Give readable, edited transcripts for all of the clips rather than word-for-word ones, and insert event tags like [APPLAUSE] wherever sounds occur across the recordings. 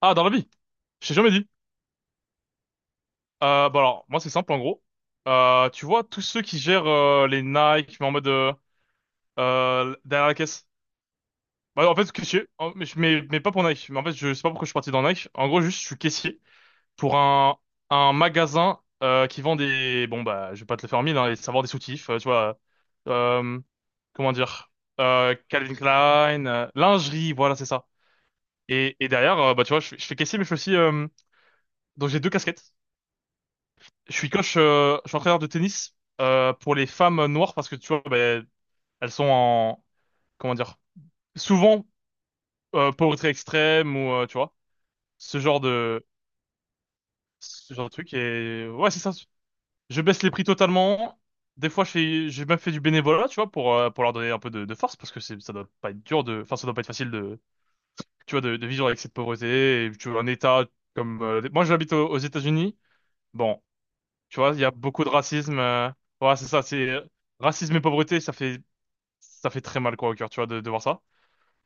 Ah, dans la vie? Je t'ai jamais dit. Bah alors, moi c'est simple en gros. Tu vois, tous ceux qui gèrent les Nike, mais en mode derrière la caisse. Bah, en fait, caissier, mais pas pour Nike. Mais en fait, je sais pas pourquoi je suis parti dans Nike. En gros, juste, je suis caissier pour un magasin qui vend des... Bon, bah, je vais pas te le faire en mille, hein, les savoir des soutifs, tu vois. Euh, Comment dire? Calvin Klein, lingerie, voilà, c'est ça. Et derrière, bah, tu vois, je fais caissier, mais je fais aussi... donc j'ai deux casquettes. Je suis coach, je suis entraîneur de tennis pour les femmes noires parce que tu vois, ben, elles sont en, comment dire, souvent pauvreté extrême ou tu vois, ce genre de, ce genre de truc. Et ouais, c'est ça. Je baisse les prix totalement. Des fois, j'ai même fait du bénévolat, tu vois, pour leur donner un peu de force parce que ça doit pas être dur de, enfin, ça doit pas être facile de, tu vois, de vivre avec cette pauvreté. Et tu vois, un état comme, moi, j'habite aux États-Unis. Bon, tu vois, il y a beaucoup de racisme. Ouais, c'est ça, c'est racisme et pauvreté, ça fait très mal quoi au cœur, tu vois, de voir ça.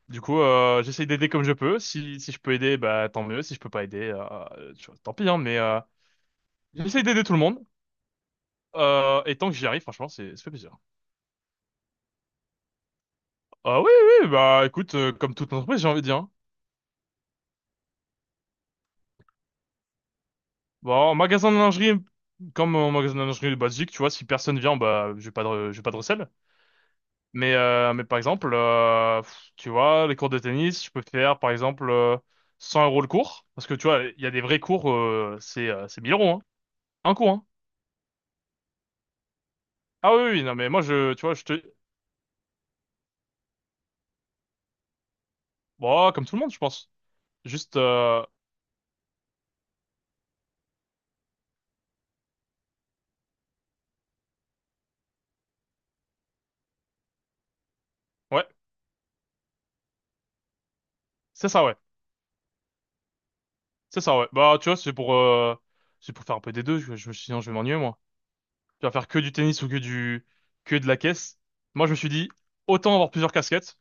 Du coup, j'essaye d'aider comme je peux. Si je peux aider, bah tant mieux. Si je peux pas aider, tu vois, tant pis. Hein, mais j'essaye d'aider tout le monde. Et tant que j'y arrive, franchement, c'est ça fait plaisir. Ah oui, oui, oui, bah écoute, comme toute entreprise, j'ai envie de dire. Hein. Bon, en magasin de lingerie, comme en magasin de lingerie basique, tu vois, si personne vient, bah j'ai pas de recel. Mais par exemple, tu vois, les cours de tennis, je peux faire par exemple 100 euros le cours. Parce que tu vois, il y a des vrais cours, c'est 1 000 euros, hein. Un cours, hein. Ah oui, oui, non, mais moi, tu vois, je te... Bon, comme tout le monde, je pense. Juste, ouais, c'est ça, ouais. C'est ça, ouais. Bah, tu vois, c'est pour faire un peu des deux. Sinon, je vais m'ennuyer, moi. Tu vas faire que du tennis ou que de la caisse. Moi, je me suis dit, autant avoir plusieurs casquettes.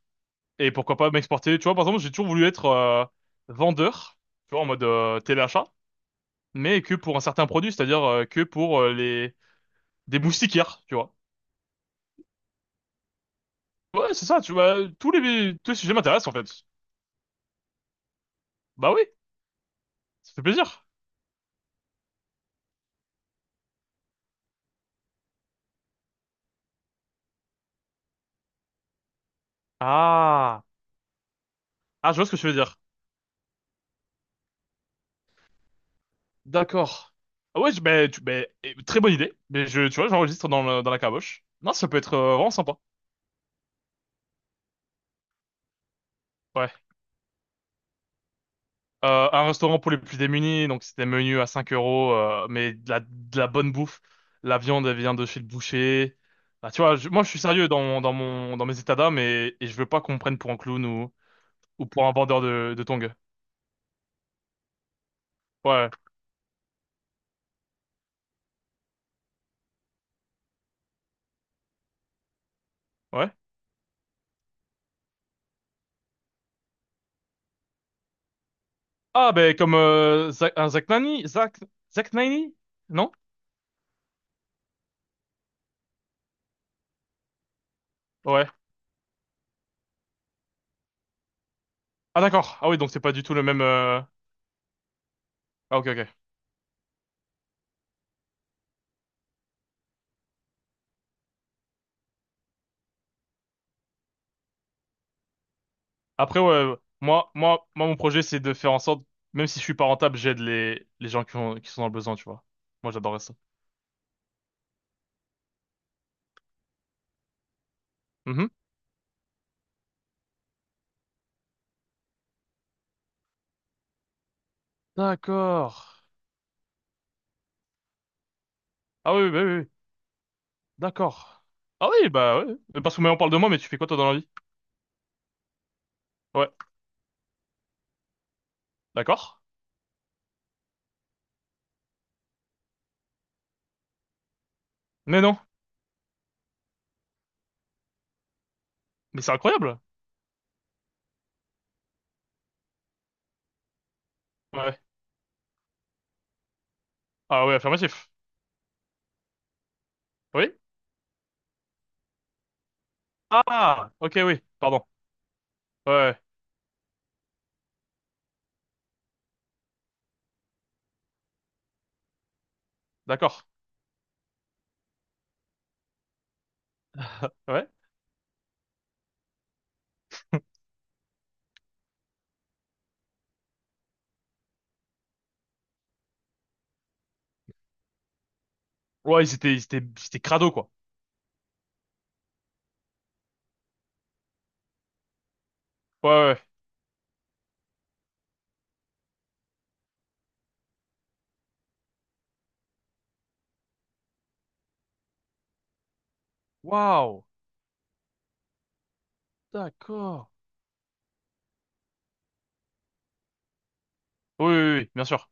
Et pourquoi pas m'exporter. Tu vois, par exemple, j'ai toujours voulu être vendeur, tu vois, en mode téléachat, mais que pour un certain produit, c'est-à-dire que pour les des moustiquaires, tu vois. Ouais, c'est ça, tu vois, tous les sujets m'intéressent en fait. Bah oui, ça fait plaisir. Ah, ah, je vois ce que tu veux dire. D'accord. Ah ouais, ben, ben, eh, très bonne idée. Mais tu vois, j'enregistre dans la caboche. Non, ça peut être vraiment sympa. Ouais. Un restaurant pour les plus démunis, donc c'était menu à 5 euros, mais de la bonne bouffe. La viande, elle vient de chez le boucher. Bah, tu vois, moi, je suis sérieux dans mes états d'âme et je veux pas qu'on me prenne pour un clown ou pour un vendeur de tongs. Ouais, ouais. Ah, ben, comme Zach, un Zach Nani? Zach Nani? Non? Ouais. Ah, d'accord. Ah oui, donc c'est pas du tout le même... Ah, ok, ok. Après, ouais, moi, mon projet, c'est de faire en sorte, même si je suis pas rentable, j'aide les gens qui sont dans le besoin, tu vois. Moi, j'adorerais ça. Mhm. D'accord. Ah oui, oui, bah oui, oui. D'accord. Ah oui, bah ouais. Mais parce que on parle de moi, mais tu fais quoi toi dans la vie? Ouais, d'accord. Mais non, mais c'est incroyable. Ouais. Ah oui, affirmatif. Oui? Ah, ok, oui, pardon. Ouais, ouais. D'accord. Ouais. Ouais, ils étaient crado, quoi. Ouais, ouais. Waouh, d'accord. Oui, oui, oui, bien sûr.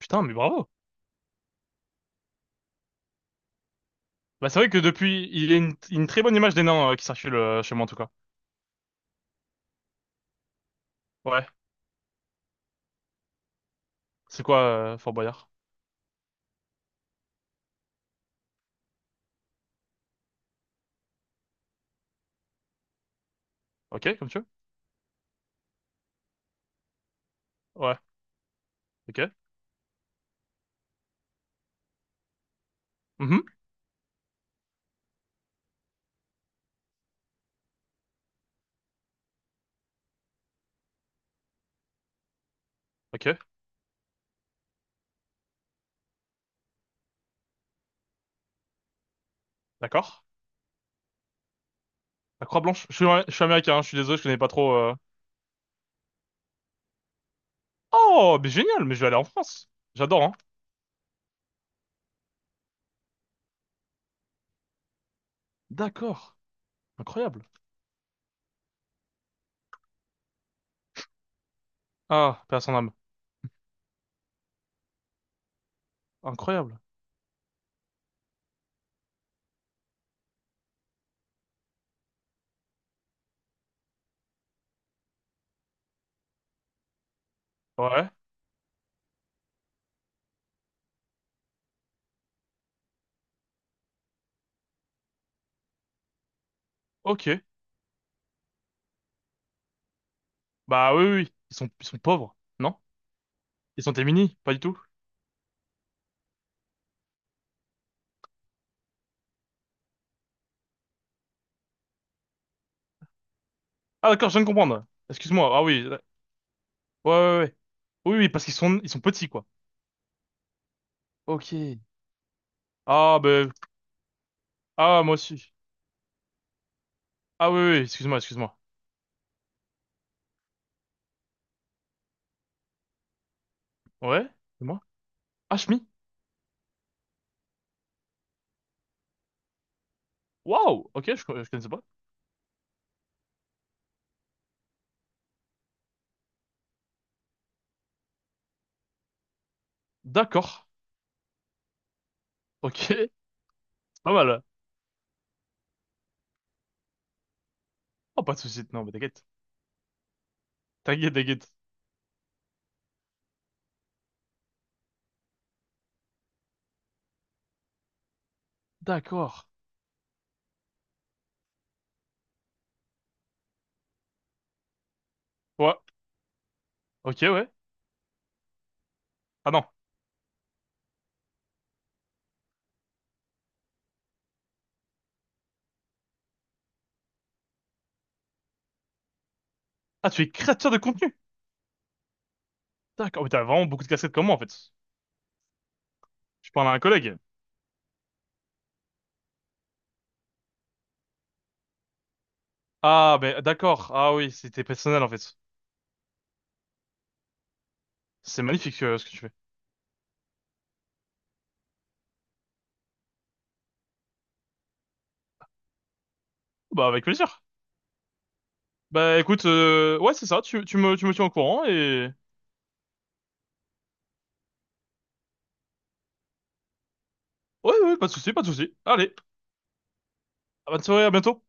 Putain, mais bravo. Bah c'est vrai que depuis, il y a une très bonne image des nains qui circule chez moi en tout cas. Ouais. C'est quoi Fort Boyard? Ok, comme tu veux. Ouais. Ok. Mhm. Ok. D'accord? La Croix-Blanche. Je suis américain, hein, je suis désolé, je connais pas trop. Oh, mais génial, mais je vais aller en France. J'adore, hein. D'accord. Incroyable. Ah, paix à son âme. Incroyable. Ouais. Ok. Bah oui, oui. Oui. Ils sont pauvres, non? Ils sont démunis, pas du tout. Ah d'accord, je viens de comprendre. Excuse-moi. Ah oui. Ouais, ouais, ouais. Ouais. Oui, oui, parce qu'ils sont petits, quoi. Ok. Ah ben, ah moi aussi. Ah oui, oui. Excuse-moi, excuse-moi. Ouais. C'est moi. Ah, Shmi. Waouh. Ok, je connaissais pas. D'accord. Ok. [LAUGHS] C'est pas mal. Oh, pas de soucis. Non, mais t'inquiète. T'inquiète, t'inquiète. D'accord. Ouais. Ok, ouais. Ah non. Ah, tu es créateur de contenu. D'accord. Mais t'as vraiment beaucoup de casquettes comme moi, en fait. Je parle à un collègue. Ah, ben, d'accord. Ah oui, c'était personnel, en fait. C'est magnifique, ce que tu fais. Bah, avec plaisir. Bah, écoute, ouais, c'est ça. Tu me tiens au courant et... Ouais, ouais, pas de soucis, pas de soucis. Allez. Bonne soirée, à bientôt.